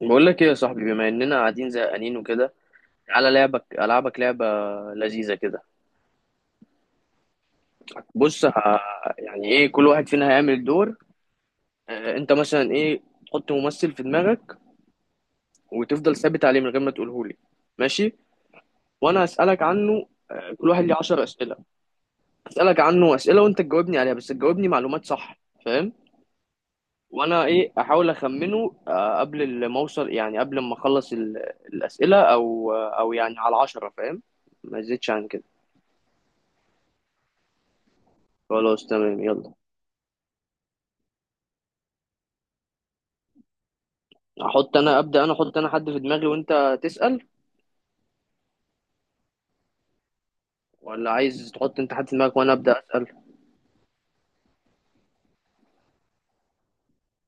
بقول لك ايه يا صاحبي، بما اننا قاعدين زهقانين وكده، على لعبك العبك لعبه لذيذه كده. بص ه- يعني ايه، كل واحد فينا هيعمل دور. انت مثلا ايه؟ تحط ممثل في دماغك وتفضل ثابت عليه من غير ما تقوله لي. ماشي، وانا هسالك عنه. كل واحد ليه 10 اسئله. هسالك عنه اسئله وانت تجاوبني عليها، بس تجاوبني معلومات صح، فاهم؟ وانا ايه، احاول اخمنه، قبل ما اوصل، يعني قبل ما اخلص الاسئله، او او يعني على 10، فاهم؟ ما زيدش عن كده. خلاص، تمام، يلا. احط انا، ابدا انا احط حد في دماغي وانت تسال، ولا عايز تحط انت حد في دماغك وانا ابدا اسال؟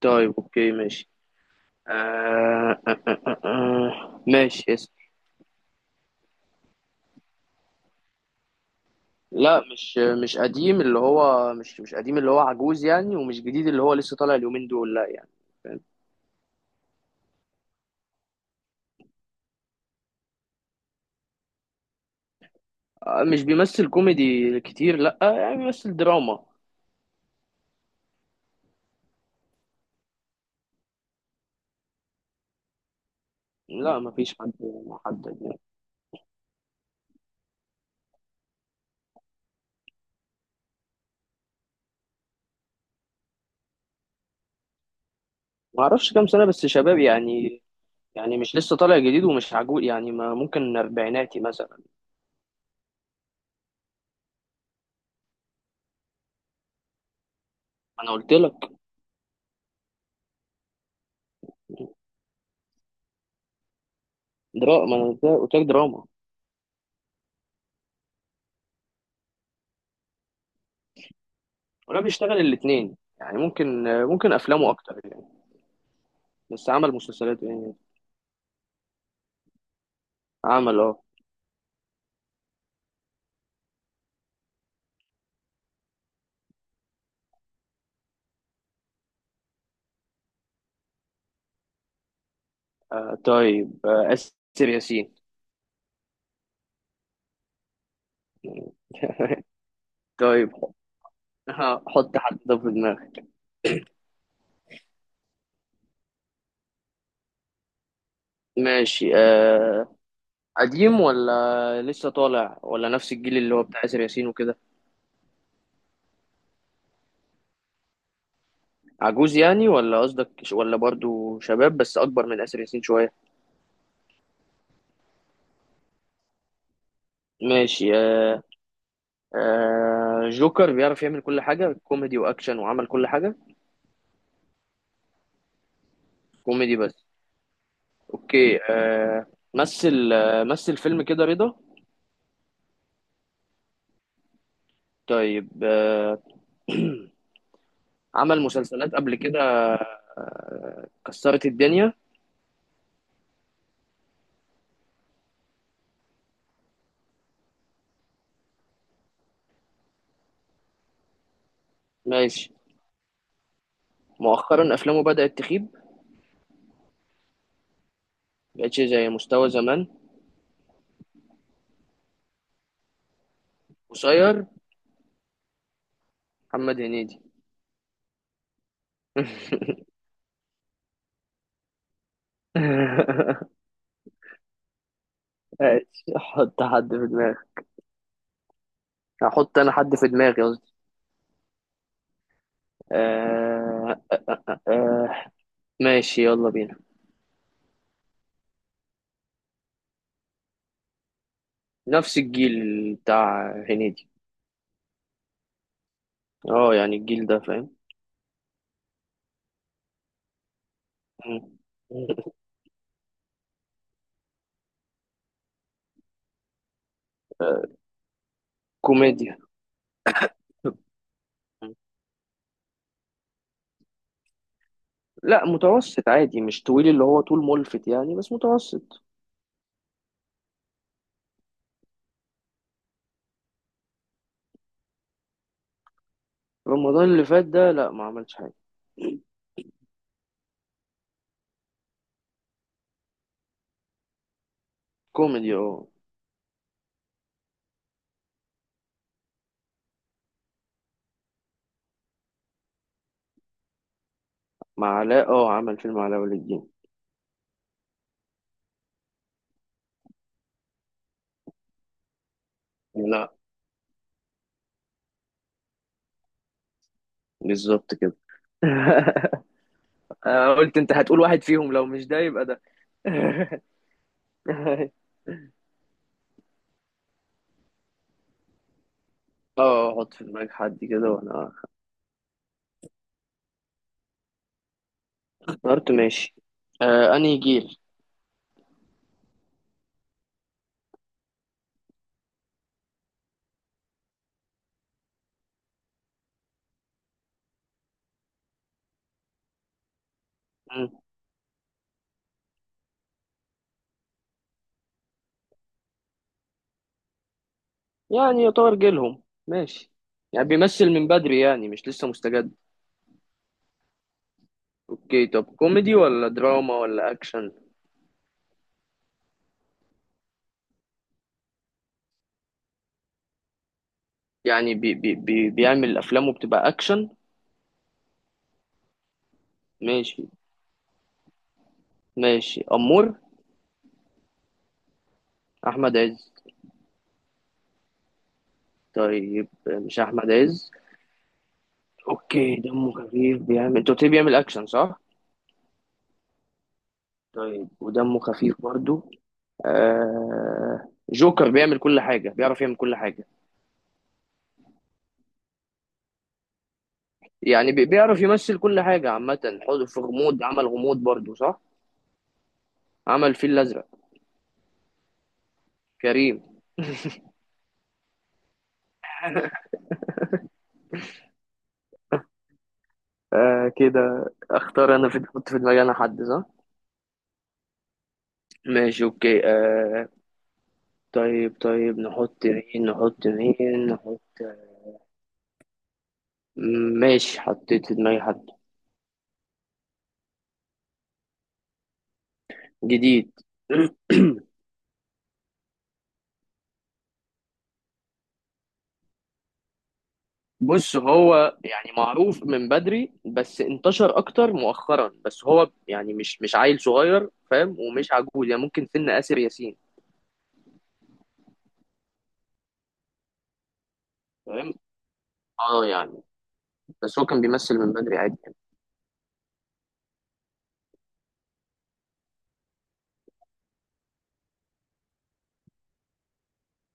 طيب اوكي ماشي. ماشي، اسال. لا، مش قديم اللي هو مش قديم اللي هو عجوز يعني، ومش جديد اللي هو لسه طالع اليومين دول، لا يعني. مش بيمثل كوميدي كتير، لا، يعني بيمثل دراما. لا، مفيش حد محدد يعني. ما اعرفش كام سنة، بس شباب يعني. يعني مش لسه طالع جديد، ومش عجوز يعني، ما ممكن اربعيناتي مثلا. انا قلت لك دراما، ما انا قلت لك دراما. ولا بيشتغل الاثنين يعني، ممكن افلامه اكتر يعني، بس عمل مسلسلات يعني. عمل، اه. طيب، اسر ياسين. طيب حط حد ده في دماغك. ماشي، آه. قديم ولا لسه طالع ولا نفس الجيل اللي هو بتاع آسر ياسين وكده؟ عجوز يعني، ولا قصدك ولا برضو شباب بس أكبر من آسر ياسين شوية؟ ماشي، آه. آه، جوكر بيعرف يعمل كل حاجة، كوميدي وأكشن، وعمل كل حاجة. كوميدي بس. اوكي، آه. مثل، آه، مثل فيلم كده رضا. طيب، آه. عمل مسلسلات قبل كده، آه، كسرت الدنيا. ماشي، مؤخرا افلامه بدأت تخيب، مبقتش زي مستوى زمان. قصير. محمد هنيدي. ماشي، حط حد في دماغي. هحط انا حد في دماغي قصدي. آه. آه. ماشي، يلا بينا. نفس الجيل بتاع هنيدي. اه يعني الجيل ده، فاهم. كوميديا. لا، متوسط عادي، مش طويل اللي هو طول ملفت يعني، بس متوسط. رمضان اللي فات ده لا، ما عملش حاجة. كوميدي، اه. مع علاء، اه، عمل فيلم علاء ولي الدين. لا. بالظبط كده. أنا قلت انت هتقول واحد فيهم، لو مش ده يبقى ده. اه، حط في دماغك حد كده وانا. اخترت، ماشي. آه، انهي جيل؟ مم. يعني يعتبر جيلهم، ماشي. يعني بيمثل من بدري يعني، مش لسه مستجد. اوكي، طب كوميدي ولا دراما ولا اكشن؟ يعني بي بي بي بيعمل افلامه بتبقى اكشن. ماشي، ماشي امور. احمد عز. طيب مش احمد عز. اوكي، دمه خفيف، بيعمل، انت قلت لي بيعمل اكشن صح؟ طيب، ودمه خفيف برضو. آه، جوكر بيعمل كل حاجة، بيعرف يعمل كل حاجة. يعني بيعرف يمثل كل حاجة عامة. حوض في غموض، عمل غموض برضو صح؟ عمل فيل الأزرق. كريم. آه كده، اختار انا، في احط في دماغي انا حد، صح؟ ماشي اوكي، آه. طيب طيب، نحط مين، نحط مين نحط. ماشي، حطيت في دماغي حد. جديد. بص، هو يعني معروف من بدري، بس انتشر اكتر مؤخرا. بس هو يعني مش عيل صغير فاهم، ومش عجوز يعني، ممكن سن آسر ياسين، فاهم. اه يعني، بس هو كان بيمثل من بدري عادي يعني.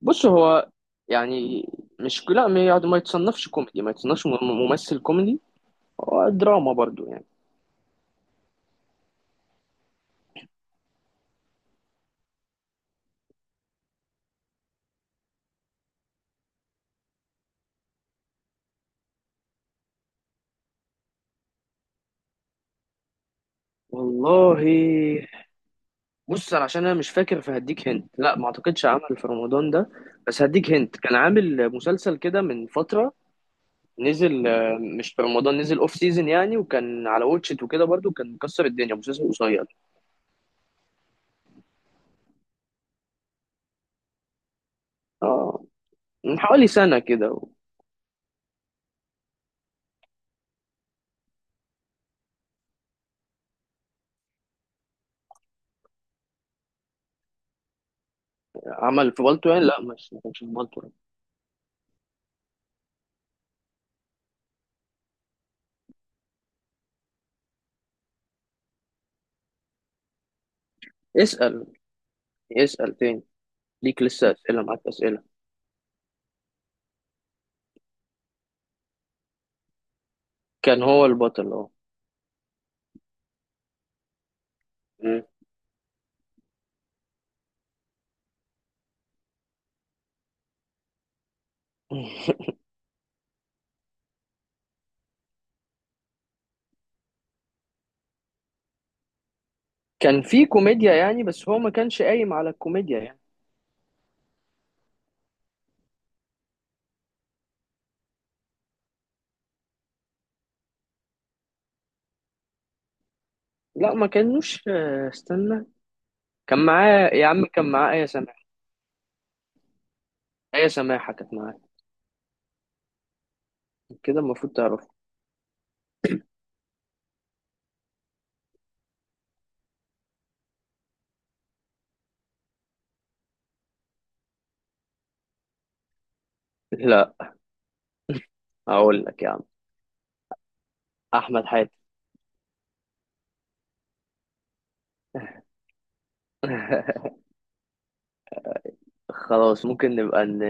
بص هو يعني، مش، لا ما يعني، ما يتصنفش كوميدي، ما يتصنفش ممثل كوميدي. هو دراما برضو يعني. والله، بص أنا عشان انا مش فاكر، فهديك هنت لا، ما اعتقدش عمل في رمضان ده. بس هديك هنت كان عامل مسلسل كده من فترة. نزل، مش في رمضان، نزل اوف سيزون يعني، وكان على واتشت وكده برضو، كان مكسر الدنيا. مسلسل قصير، اه، من حوالي سنة كده. عمل في بالطو يعني؟ لا، مش، ما كانش في بالطو. اسأل، اسأل تاني، ليك لسه أسئلة، معاك أسئلة. كان هو البطل، اه. مم. كان في كوميديا يعني، بس هو ما كانش قايم على الكوميديا يعني. لا، ما كانوش، استنى. كان معاه يا عم، كان معاه ايه سماحة. ايه سماحة كانت معاه، كده المفروض تعرف. لا. هقول لك يا عم، احمد حاتم. خلاص، ممكن نبقى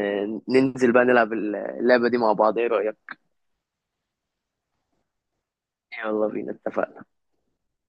ننزل بقى نلعب اللعبة دي مع بعض، ايه رأيك؟ يلا بينا، اتفقنا.